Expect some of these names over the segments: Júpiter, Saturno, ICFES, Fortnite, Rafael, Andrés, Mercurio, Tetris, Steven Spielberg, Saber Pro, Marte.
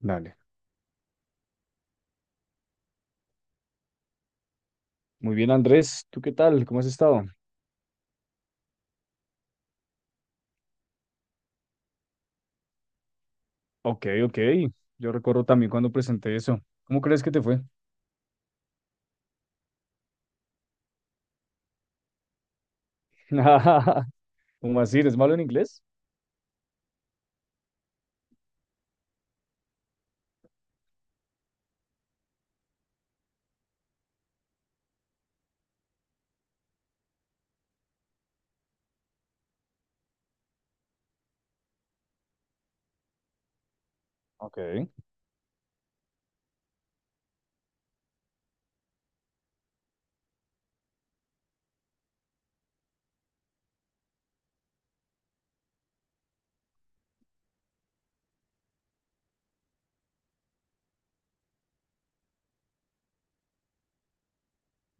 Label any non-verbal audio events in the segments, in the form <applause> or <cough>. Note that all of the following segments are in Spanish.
Dale. Muy bien, Andrés. ¿Tú qué tal? ¿Cómo has estado? Ok, ok. Yo recuerdo también cuando presenté eso. ¿Cómo crees que te fue? <laughs> ¿Cómo así? ¿Eres malo en inglés? Ok.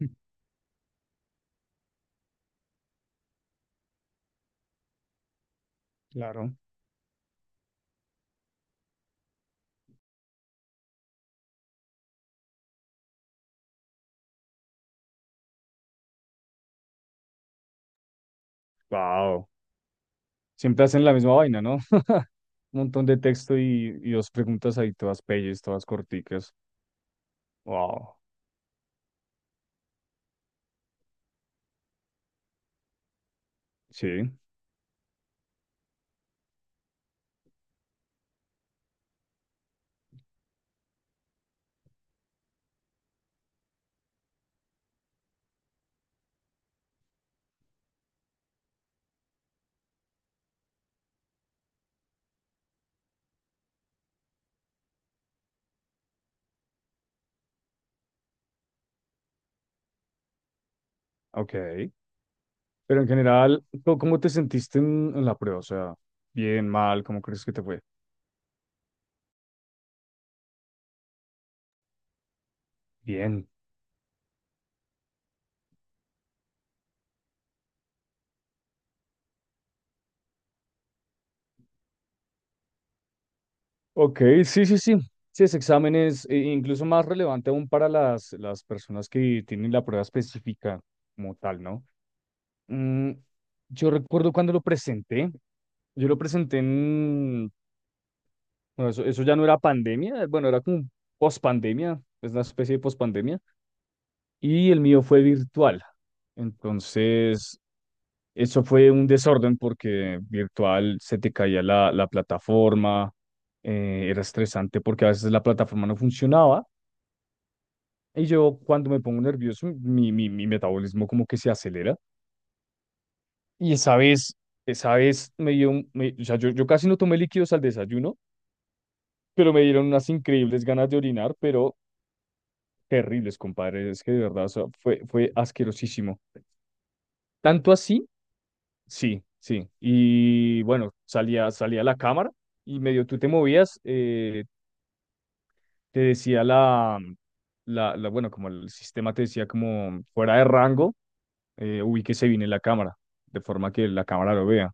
<laughs> Claro. Wow. Siempre hacen la misma vaina, ¿no? <laughs> Un montón de texto y, dos preguntas ahí, todas pelles, todas corticas. Wow. Sí. Ok. Pero en general, ¿cómo te sentiste en, la prueba? O sea, bien, mal, ¿cómo crees que te fue? Bien. Ok, sí, sí, sí. Sí, ese examen es incluso más relevante aún para las, personas que tienen la prueba específica como tal, ¿no? Mm, yo recuerdo cuando lo presenté, yo lo presenté en, bueno, eso, ya no era pandemia, bueno, era como pospandemia, es una especie de pospandemia, y el mío fue virtual. Entonces, eso fue un desorden porque virtual se te caía la, plataforma, era estresante porque a veces la plataforma no funcionaba. Y yo cuando me pongo nervioso, mi metabolismo como que se acelera. Y esa vez me dio, o sea, yo casi no tomé líquidos al desayuno, pero me dieron unas increíbles ganas de orinar, pero terribles, compadre. Es que de verdad, o sea, fue asquerosísimo. Tanto así, sí, sí. Y bueno, salía a la cámara y medio tú te movías, te decía bueno, como el sistema te decía como fuera de rango, ubíquese bien en la cámara, de forma que la cámara lo vea.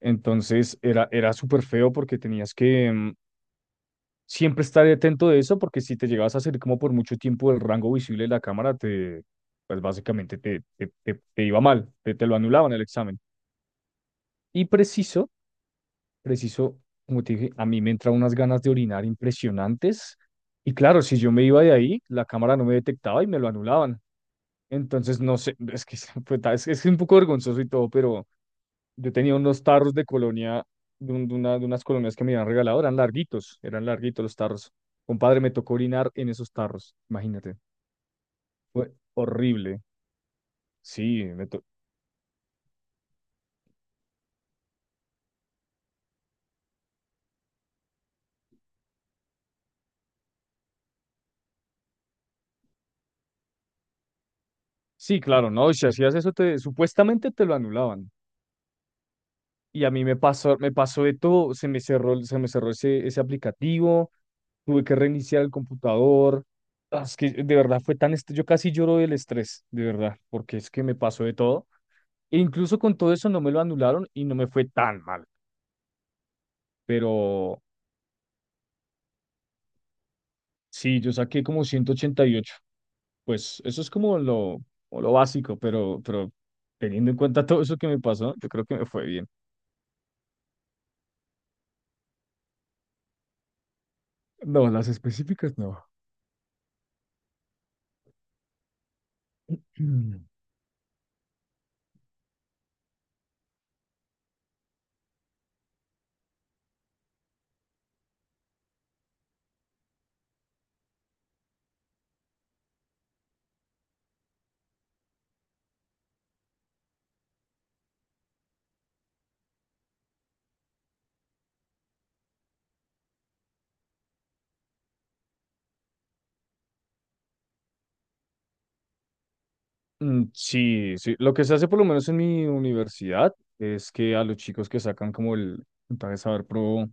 Entonces era, era súper feo porque tenías que siempre estar atento de eso, porque si te llegabas a salir como por mucho tiempo del rango visible de la cámara, te, pues básicamente te iba mal, te lo anulaban el examen. Y preciso, preciso, como te dije, a mí me entran unas ganas de orinar impresionantes. Y claro, si yo me iba de ahí, la cámara no me detectaba y me lo anulaban. Entonces, no sé, es que <laughs> es un poco vergonzoso y todo, pero yo tenía unos tarros de colonia, de unas colonias que me habían regalado, eran larguitos los tarros. Compadre, me tocó orinar en esos tarros, imagínate. Fue horrible. Sí, me to- sí, claro, no, si hacías eso, te, supuestamente te lo anulaban. Y a mí me pasó de todo, se me cerró ese, ese aplicativo, tuve que reiniciar el computador. Ah, es que de verdad fue tan, yo casi lloro del estrés, de verdad, porque es que me pasó de todo. E incluso con todo eso no me lo anularon y no me fue tan mal. Pero sí, yo saqué como 188. Pues eso es como lo básico, pero teniendo en cuenta <laughs> todo eso que me pasó, yo creo que me fue bien. No, las específicas no. <clears throat> Mm. Mm, sí, sí. Lo que se hace por lo menos en mi universidad es que a los chicos que sacan como el puntaje Saber Pro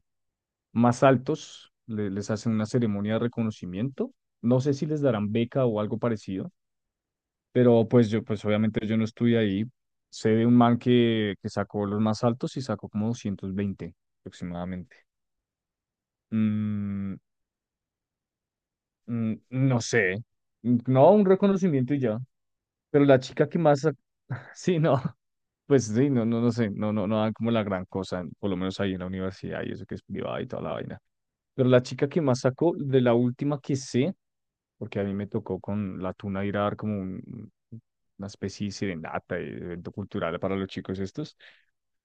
más altos, les hacen una ceremonia de reconocimiento. No sé si les darán beca o algo parecido, pero pues yo, pues obviamente yo no estuve ahí. Sé de un man que sacó los más altos y sacó como 220 aproximadamente. Mm, no sé. Mm, no, un reconocimiento y ya. Pero la chica que más... <laughs> Sí, no. Pues sí, no sé. No dan como la gran cosa, por lo menos ahí en la universidad y eso que es privada y toda la vaina. Pero la chica que más sacó, de la última que sé, porque a mí me tocó con la tuna ir a dar una especie de serenata, de evento cultural para los chicos estos.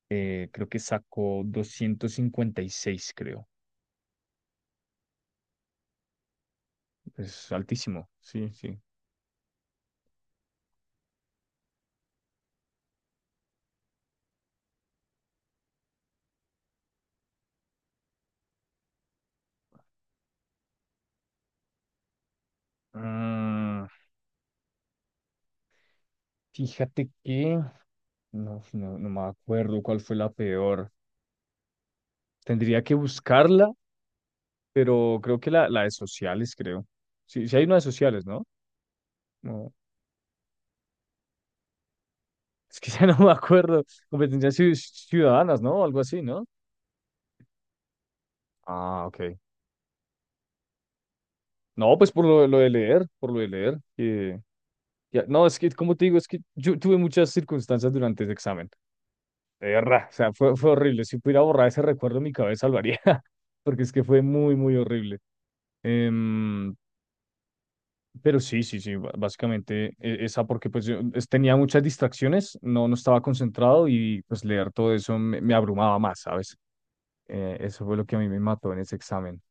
Creo que sacó 256 creo. Es altísimo, sí, sí. Ah, fíjate que no me acuerdo cuál fue la peor. Tendría que buscarla, pero creo que la de sociales, creo. Sí, sí hay una de sociales, ¿no? No, es que <laughs> ya no me acuerdo. Competencias ciudadanas, ¿no? Algo así, ¿no? Ah, ok. No, pues por lo de leer, por lo de leer. No, es que, como te digo, es que yo tuve muchas circunstancias durante ese examen. De verdad, o sea, fue horrible. Si pudiera borrar ese recuerdo en mi cabeza, lo haría, <laughs> porque es que fue muy, muy horrible. Em, pero sí, básicamente esa, porque pues yo tenía muchas distracciones, no, no estaba concentrado y pues leer todo eso me, me abrumaba más, ¿sabes? Eso fue lo que a mí me mató en ese examen.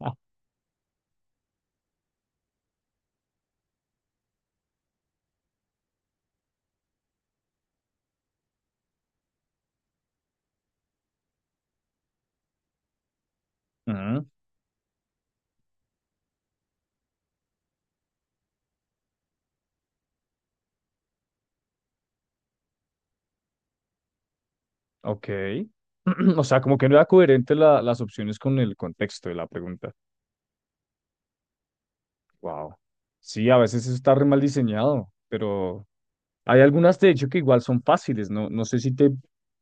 Ah. Ujú. Ok. <clears throat> O sea, como que no era coherente las opciones con el contexto de la pregunta. Wow. Sí, a veces eso está re mal diseñado, pero hay algunas de hecho que igual son fáciles, ¿no? No sé si te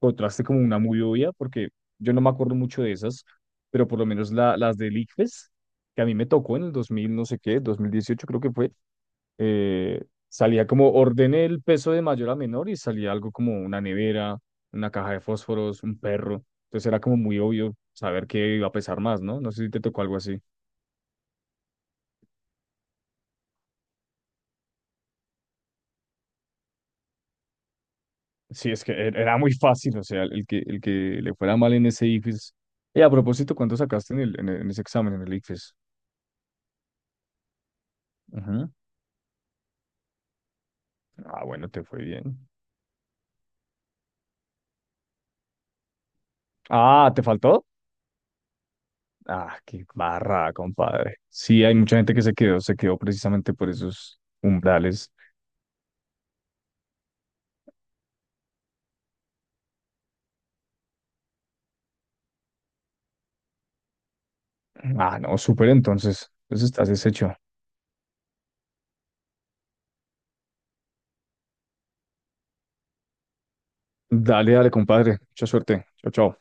encontraste como una muy obvia, porque yo no me acuerdo mucho de esas, pero por lo menos la, las del ICFES, que a mí me tocó en el 2000 no sé qué, 2018 creo que fue, eh, salía como ordené el peso de mayor a menor y salía algo como una nevera, una caja de fósforos, un perro. Entonces era como muy obvio saber qué iba a pesar más, ¿no? No sé si te tocó algo así. Sí, es que era muy fácil, o sea, el que le fuera mal en ese IFES. Y a propósito, ¿cuánto sacaste en ese examen, en el IFES? Ujú. Ah, bueno, te fue bien. Ah, ¿te faltó? Ah, qué barra, compadre. Sí, hay mucha gente que se quedó precisamente por esos umbrales. Ah, no, súper entonces. Entonces estás deshecho. Dale, dale, compadre. Mucha suerte. Chao, chao.